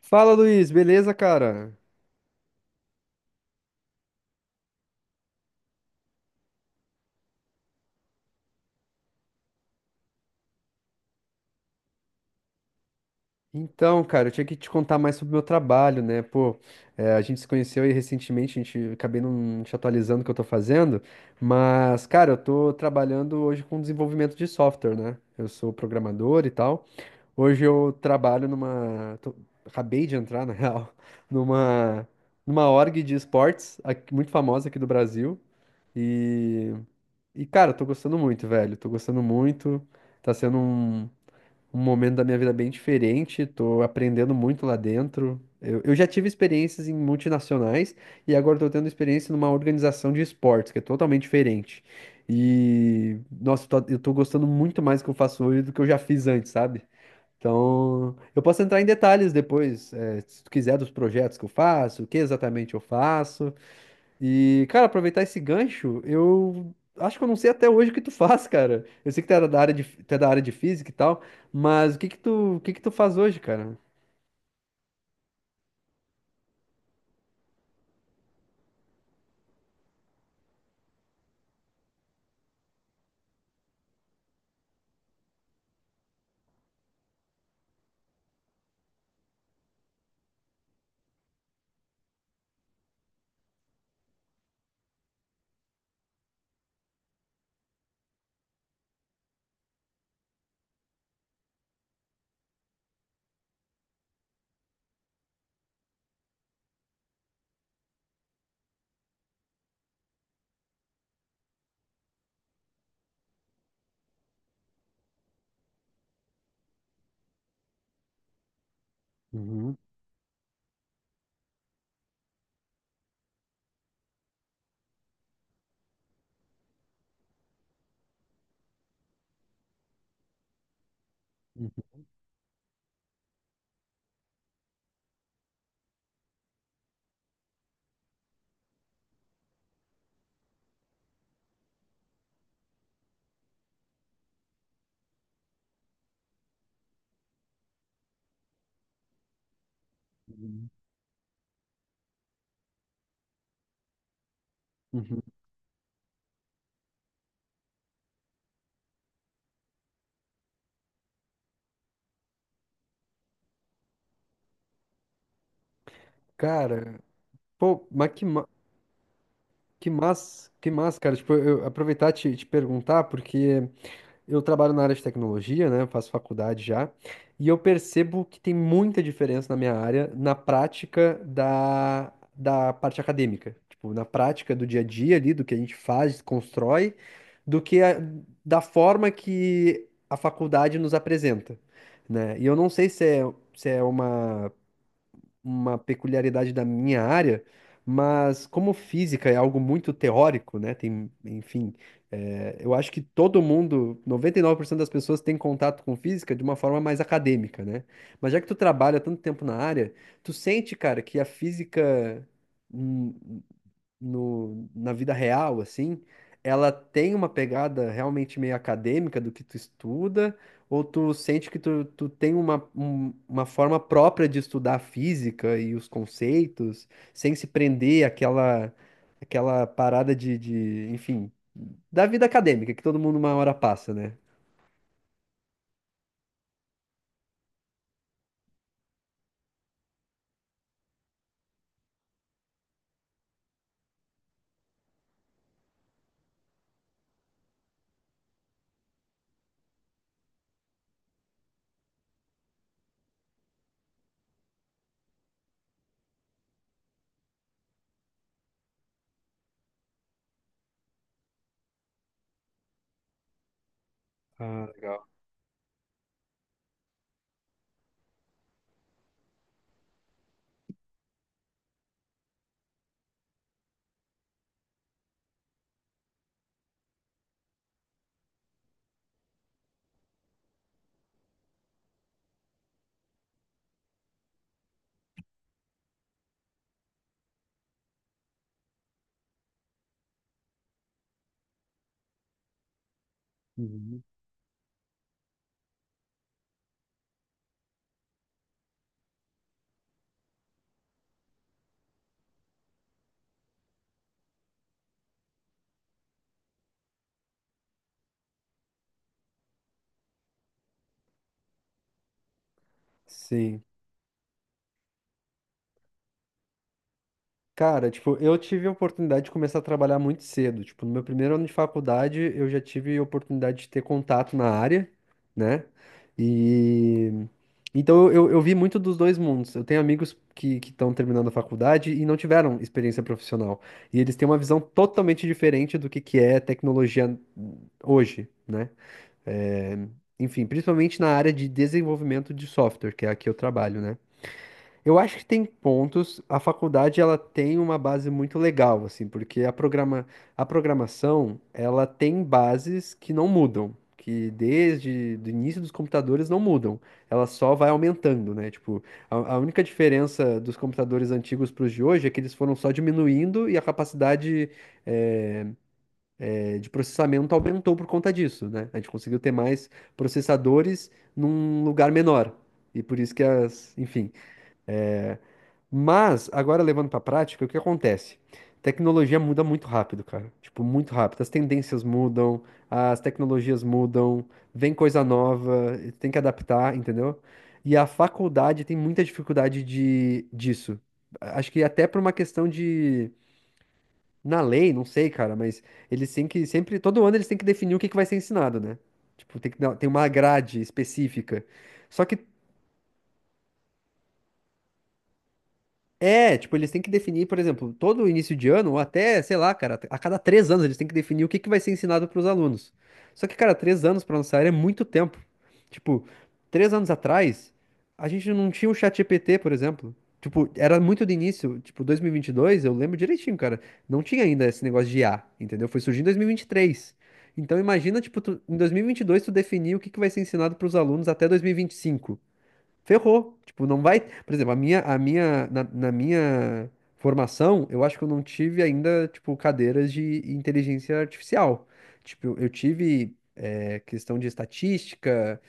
Fala, Luiz, beleza, cara? Então, cara, eu tinha que te contar mais sobre o meu trabalho, né? Pô, é, a gente se conheceu aí recentemente, a gente acabei não te atualizando o que eu tô fazendo, mas, cara, eu tô trabalhando hoje com desenvolvimento de software, né? Eu sou programador e tal. Hoje eu trabalho numa. Acabei de entrar, na real, numa, numa org de esportes, muito famosa aqui do Brasil. E, e, cara, eu tô gostando muito, velho. Tô gostando muito. Tá sendo Um momento da minha vida bem diferente, tô aprendendo muito lá dentro. Eu já tive experiências em multinacionais e agora estou tendo experiência numa organização de esportes, que é totalmente diferente. E, nossa, eu tô gostando muito mais do que eu faço hoje do que eu já fiz antes, sabe? Então, eu posso entrar em detalhes depois, se tu quiser, dos projetos que eu faço, o que exatamente eu faço. E, cara, aproveitar esse gancho, eu acho que eu não sei até hoje o que tu faz, cara. Eu sei que tu é da área de física e tal, mas o que que tu faz hoje, cara? Uhum. Uhum. Uhum. Uhum. Cara, pô, que massa, cara. Tipo, eu aproveitar e te perguntar, porque. Eu trabalho na área de tecnologia, né? Eu faço faculdade já, e eu percebo que tem muita diferença na minha área, na prática da parte acadêmica. Tipo, na prática do dia a dia ali, do que a gente faz, constrói, do que a- da forma que a faculdade nos apresenta, né? E eu não sei se é, uma peculiaridade da minha área, mas como física é algo muito teórico, né? Tem, enfim, eu acho que todo mundo, 99% das pessoas tem contato com física de uma forma mais acadêmica, né? Mas já que tu trabalha tanto tempo na área, tu sente, cara, que a física. hum, no, na vida real, assim, ela tem uma pegada realmente meio acadêmica do que tu estuda, ou tu sente que tu tem uma forma própria de estudar a física e os conceitos, sem se prender àquela parada de, enfim, da vida acadêmica, que todo mundo uma hora passa, né? Ah, legal. Uhum. Sim. Cara, tipo, eu tive a oportunidade de começar a trabalhar muito cedo. Tipo, no meu primeiro ano de faculdade, eu já tive a oportunidade de ter contato na área, né? E então eu vi muito dos dois mundos. Eu tenho amigos que estão terminando a faculdade e não tiveram experiência profissional. E eles têm uma visão totalmente diferente do que é tecnologia hoje, né? É, enfim, principalmente na área de desenvolvimento de software, que é a que eu trabalho, né? Eu acho que tem pontos. A faculdade ela tem uma base muito legal, assim, porque a programação ela tem bases que não mudam, que desde o início dos computadores não mudam. Ela só vai aumentando, né? Tipo, a única diferença dos computadores antigos para os de hoje é que eles foram só diminuindo e a capacidade eh, de processamento aumentou por conta disso, né? A gente conseguiu ter mais processadores num lugar menor. E por isso que as, enfim. Mas, agora levando pra prática, o que acontece? Tecnologia muda muito rápido, cara. Tipo, muito rápido. As tendências mudam, as tecnologias mudam, vem coisa nova, tem que adaptar, entendeu? E a faculdade tem muita dificuldade disso. Acho que até por uma questão de. Na lei, não sei, cara, mas eles têm que sempre. Todo ano eles têm que definir o que que vai ser ensinado, né? Tipo, tem uma grade específica. Só que. É, tipo, eles têm que definir, por exemplo, todo início de ano, ou até, sei lá, cara, a cada 3 anos eles têm que definir o que que vai ser ensinado para os alunos. Só que, cara, 3 anos para nossa área é muito tempo. Tipo, três anos atrás, a gente não tinha o ChatGPT, por exemplo. Tipo, era muito do início, tipo, 2022, eu lembro direitinho, cara, não tinha ainda esse negócio de IA, entendeu? Foi surgir em 2023. Então, imagina, tipo, tu, em 2022 tu definir o que que vai ser ensinado para os alunos até 2025. Ferrou. Tipo, não vai. Por exemplo, na minha formação, eu acho que eu não tive ainda, tipo, cadeiras de inteligência artificial. Tipo, eu tive, questão de estatística,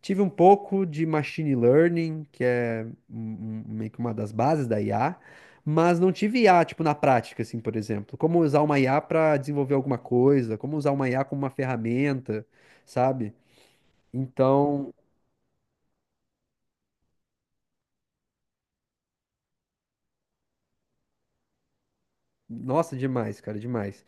tive um pouco de machine learning, que é meio que uma das bases da IA, mas não tive IA, tipo, na prática, assim, por exemplo. Como usar uma IA para desenvolver alguma coisa, como usar uma IA como uma ferramenta, sabe? Então, nossa, demais, cara, demais.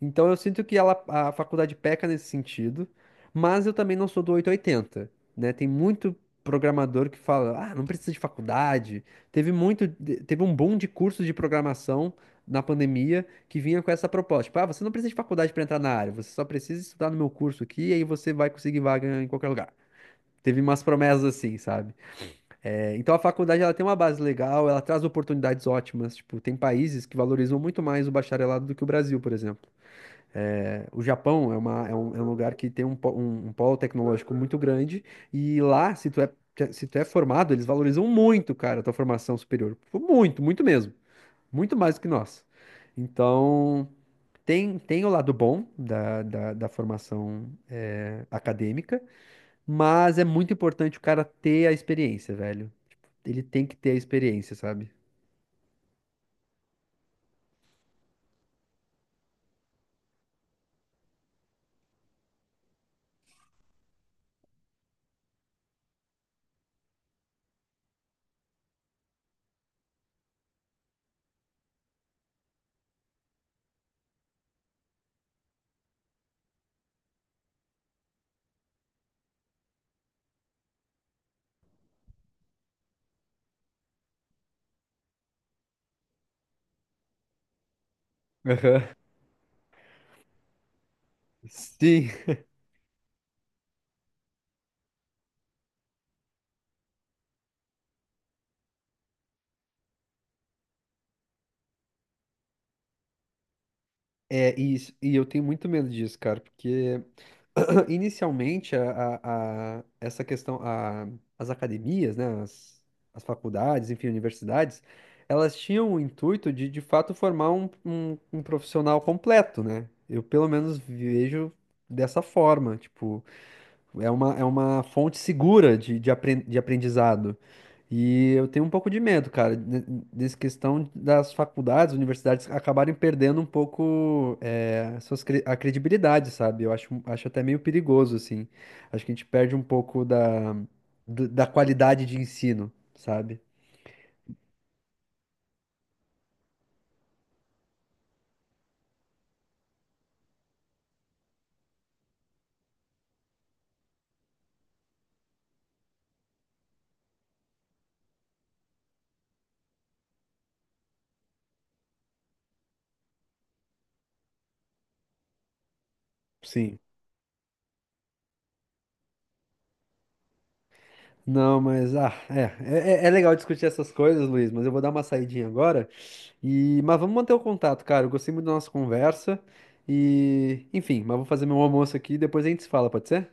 Então eu sinto que ela, a faculdade peca nesse sentido, mas eu também não sou do oito ou oitenta, né? Tem muito programador que fala, ah, não precisa de faculdade. Teve um boom de cursos de programação na pandemia que vinha com essa proposta, tipo, ah, você não precisa de faculdade para entrar na área, você só precisa estudar no meu curso aqui e aí você vai conseguir vaga em qualquer lugar. Teve umas promessas assim, sabe? É, então a faculdade ela tem uma base legal, ela traz oportunidades ótimas, tipo, tem países que valorizam muito mais o bacharelado do que o Brasil, por exemplo. É, o Japão é um lugar que tem um polo tecnológico muito grande, e lá, se tu é, formado, eles valorizam muito, cara, a tua formação superior. Muito, muito mesmo. Muito mais do que nós. Então, tem o lado bom da formação acadêmica, mas é muito importante o cara ter a experiência, velho. Tipo, ele tem que ter a experiência, sabe? Aham. Sim. É, e eu tenho muito medo disso, cara, porque. Inicialmente, essa questão, as academias, né, as faculdades, enfim, universidades, elas tinham o intuito de fato, formar um profissional completo, né? Eu, pelo menos, vejo dessa forma, tipo, é uma fonte segura de aprendizado. E eu tenho um pouco de medo, cara, dessa questão das faculdades, universidades acabarem perdendo um pouco a credibilidade, sabe? Eu acho até meio perigoso, assim. Acho que a gente perde um pouco da qualidade de ensino, sabe? Sim. Não, mas ah, é legal discutir essas coisas, Luiz, mas eu vou dar uma saidinha agora e mas vamos manter o contato, cara. Eu gostei muito da nossa conversa e enfim, mas vou fazer meu almoço aqui e depois a gente se fala, pode ser?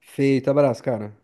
Feito, abraço, cara.